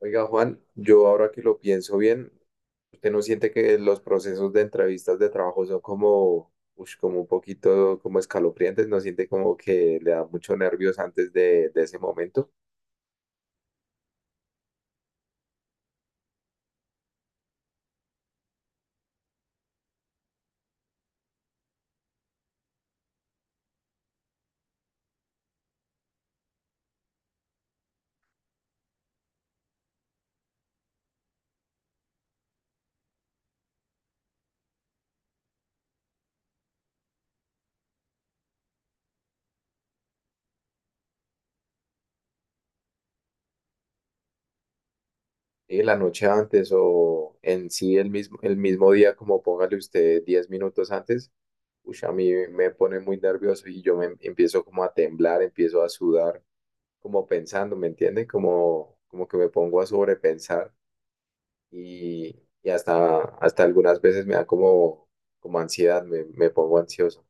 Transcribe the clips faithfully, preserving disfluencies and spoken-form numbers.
Oiga, Juan, yo ahora que lo pienso bien, ¿usted no siente que los procesos de entrevistas de trabajo son como, ush, como un poquito como escalofriantes? ¿No siente como que le da mucho nervios antes de, de ese momento? ¿Sí? La noche antes o en sí el mismo, el mismo día, como póngale usted diez minutos antes, ush, a mí me pone muy nervioso y yo me empiezo como a temblar, empiezo a sudar, como pensando, ¿me entiende? Como, como que me pongo a sobrepensar y, y hasta, hasta algunas veces me da como, como ansiedad, me, me pongo ansioso.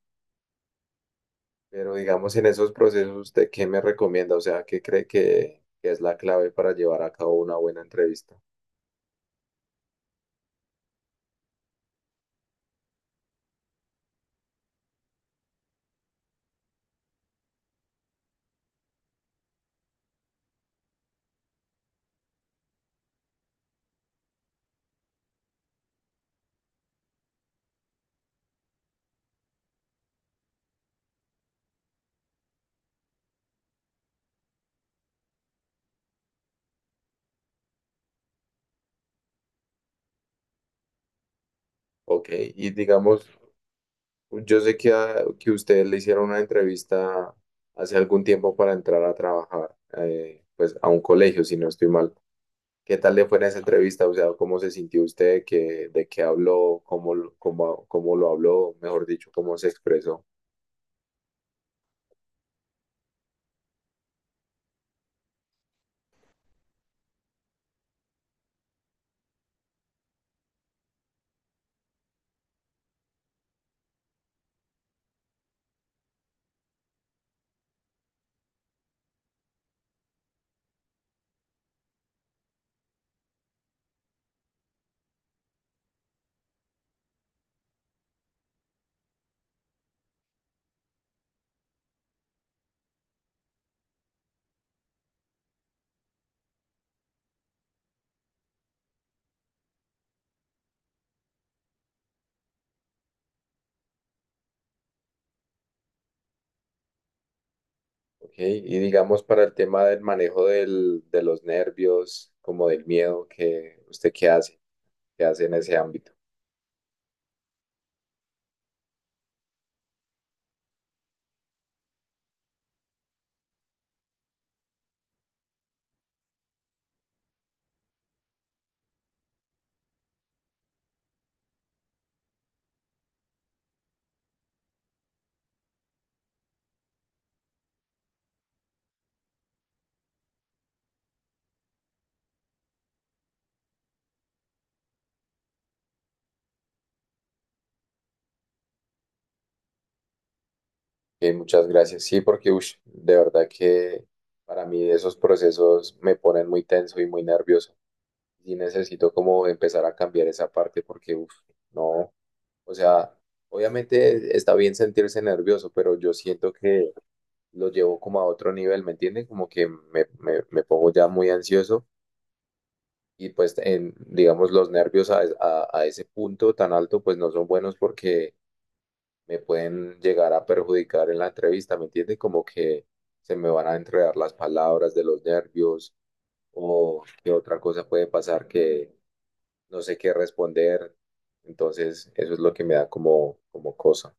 Pero digamos, en esos procesos, ¿usted qué me recomienda? O sea, ¿qué cree que, que es la clave para llevar a cabo una buena entrevista? Ok, y digamos, yo sé que, a- que ustedes le hicieron una entrevista hace algún tiempo para entrar a trabajar, eh, pues a un colegio, si no estoy mal. ¿Qué tal le fue en esa entrevista? O sea, ¿cómo se sintió usted? ¿Qué, de qué habló? ¿Cómo, lo- cómo, cómo lo habló? Mejor dicho, ¿cómo se expresó? Ok, y digamos para el tema del manejo del, de los nervios, como del miedo, que usted qué hace, qué hace en ese ámbito. Ok, muchas gracias. Sí, porque ush, de verdad que para mí esos procesos me ponen muy tenso y muy nervioso. Y necesito como empezar a cambiar esa parte porque, uff, no, o sea, obviamente está bien sentirse nervioso, pero yo siento que lo llevo como a otro nivel, ¿me entienden? Como que me, me me pongo ya muy ansioso y pues en, digamos los nervios a, a- a ese punto tan alto pues no son buenos porque me pueden llegar a perjudicar en la entrevista, ¿me entiende? Como que se me van a entregar las palabras de los nervios o qué otra cosa puede pasar que no sé qué responder. Entonces eso es lo que me da como, como cosa.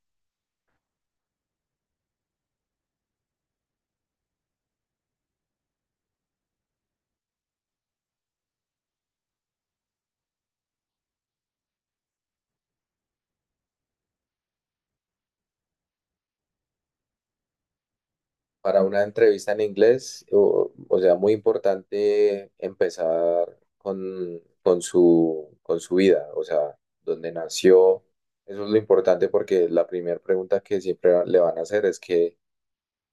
Para una entrevista en inglés, o, o sea, muy importante empezar con, con su, con su vida, o sea, dónde nació. Eso es lo importante porque la primera pregunta que siempre va- le van a hacer es que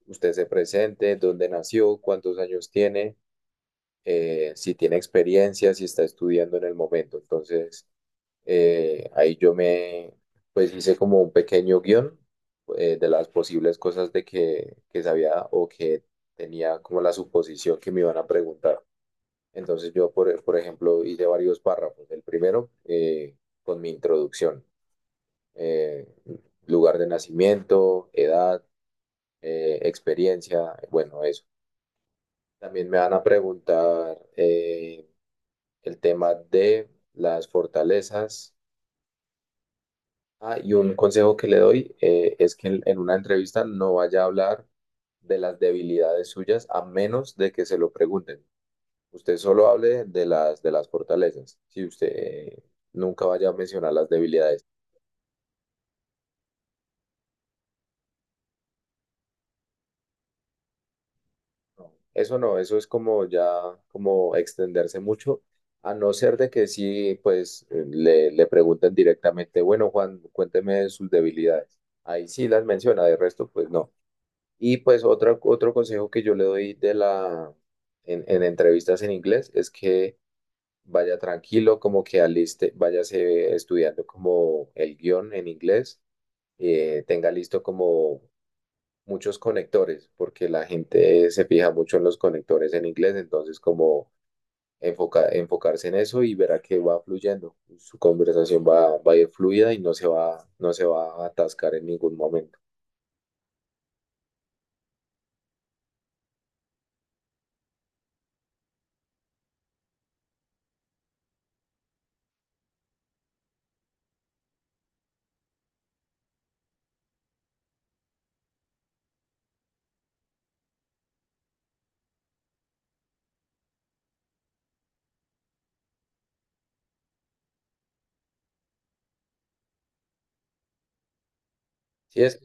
usted se presente, dónde nació, cuántos años tiene, eh, si tiene experiencia, si está estudiando en el momento. Entonces. Eh, ahí yo me, pues hice como un pequeño guión, eh, de las posibles cosas de que, que sabía o que tenía como la suposición que me iban a preguntar. Entonces yo, por, por ejemplo, hice varios párrafos. El primero, eh, con mi introducción, eh, lugar de nacimiento, edad, eh, experiencia, bueno, eso. También me van a preguntar eh, el tema de las fortalezas. Ah, y un consejo que le doy, eh, es que en, en una entrevista no vaya a hablar de las debilidades suyas a menos de que se lo pregunten. Usted solo hable de las, de las fortalezas. Si usted, eh, nunca vaya a mencionar las debilidades. No, eso no, eso es como ya, como extenderse mucho, a no ser de que sí, pues, eh, le, le pregunten directamente, bueno, Juan, cuénteme de sus debilidades. Ahí sí las menciona, de resto, pues no. Y pues otra, otro consejo que yo le doy de la, en, en entrevistas en inglés es que vaya tranquilo, como que aliste, váyase estudiando como el guión en inglés, eh, tenga listo como muchos conectores, porque la gente se fija mucho en los conectores en inglés, entonces como enfoca- enfocarse en eso y verá que va fluyendo, su conversación va, va a ir fluida y no se va, no se va a atascar en ningún momento. Sí, es.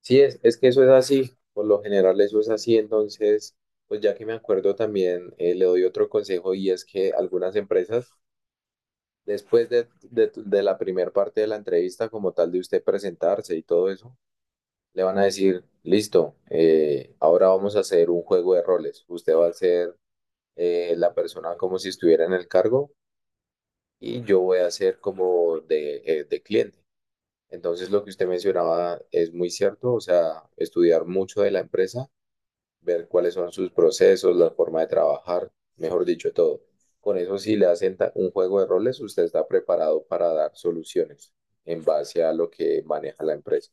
Sí, es, es que eso es así, por lo general eso es así, entonces, pues ya que me acuerdo también, eh, le doy otro consejo y es que algunas empresas, después de, de, tu- de la primera parte de la entrevista, como tal de usted presentarse y todo eso, le van a decir, listo, eh, ahora vamos a hacer un juego de roles, usted va a ser, eh, la persona como si estuviera en el cargo y yo voy a ser como de, eh, de cliente. Entonces, lo que usted mencionaba es muy cierto, o sea, estudiar mucho de la empresa, ver cuáles son sus procesos, la forma de trabajar, mejor dicho, todo. Con eso, si le hacen ta- un juego de roles, usted está preparado para dar soluciones en base a lo que maneja la empresa.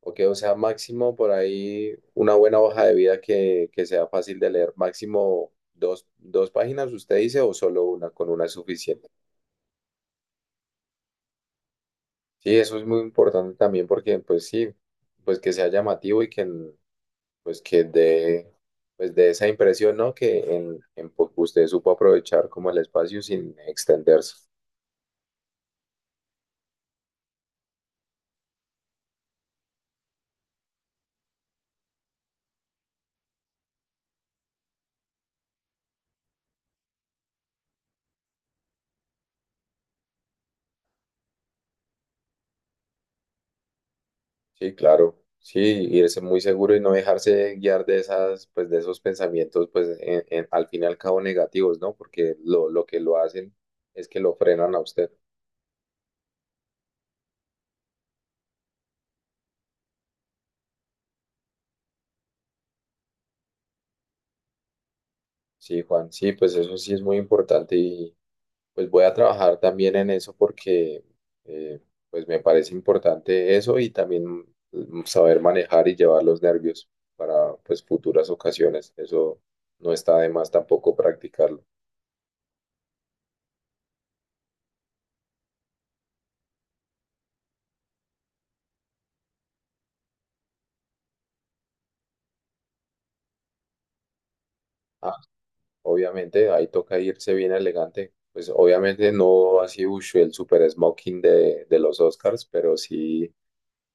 Ok, o sea, máximo por ahí una buena hoja de vida que, que sea fácil de leer, máximo dos, dos páginas, usted dice, o solo una, con una es suficiente. Sí, eso es muy importante también porque, pues sí, pues que sea llamativo y que, pues que de, pues de esa impresión, ¿no? Que en, en Pop usted supo aprovechar como el espacio sin extenderse. Sí, claro. Sí, irse muy seguro y no dejarse guiar de esas, pues de esos pensamientos, pues en- en- al fin y al cabo negativos, ¿no? Porque lo, lo que lo hacen es que lo frenan a usted. Sí, Juan, sí, pues eso sí es muy importante. Pues voy a trabajar también en eso porque, eh, pues me parece importante eso y también, mm, saber manejar y llevar los nervios para pues futuras ocasiones. Eso no está de más tampoco practicarlo. Ah, obviamente ahí toca irse bien elegante. Pues obviamente no así, ush, el super smoking de, de los Oscars, pero sí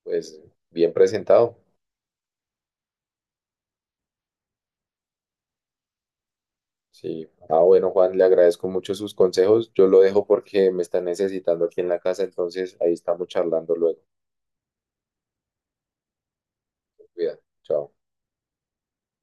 pues bien presentado. Sí. Ah, bueno, Juan, le agradezco mucho sus consejos. Yo lo dejo porque me están necesitando aquí en la casa, entonces ahí estamos charlando luego. Cuidado. Chao.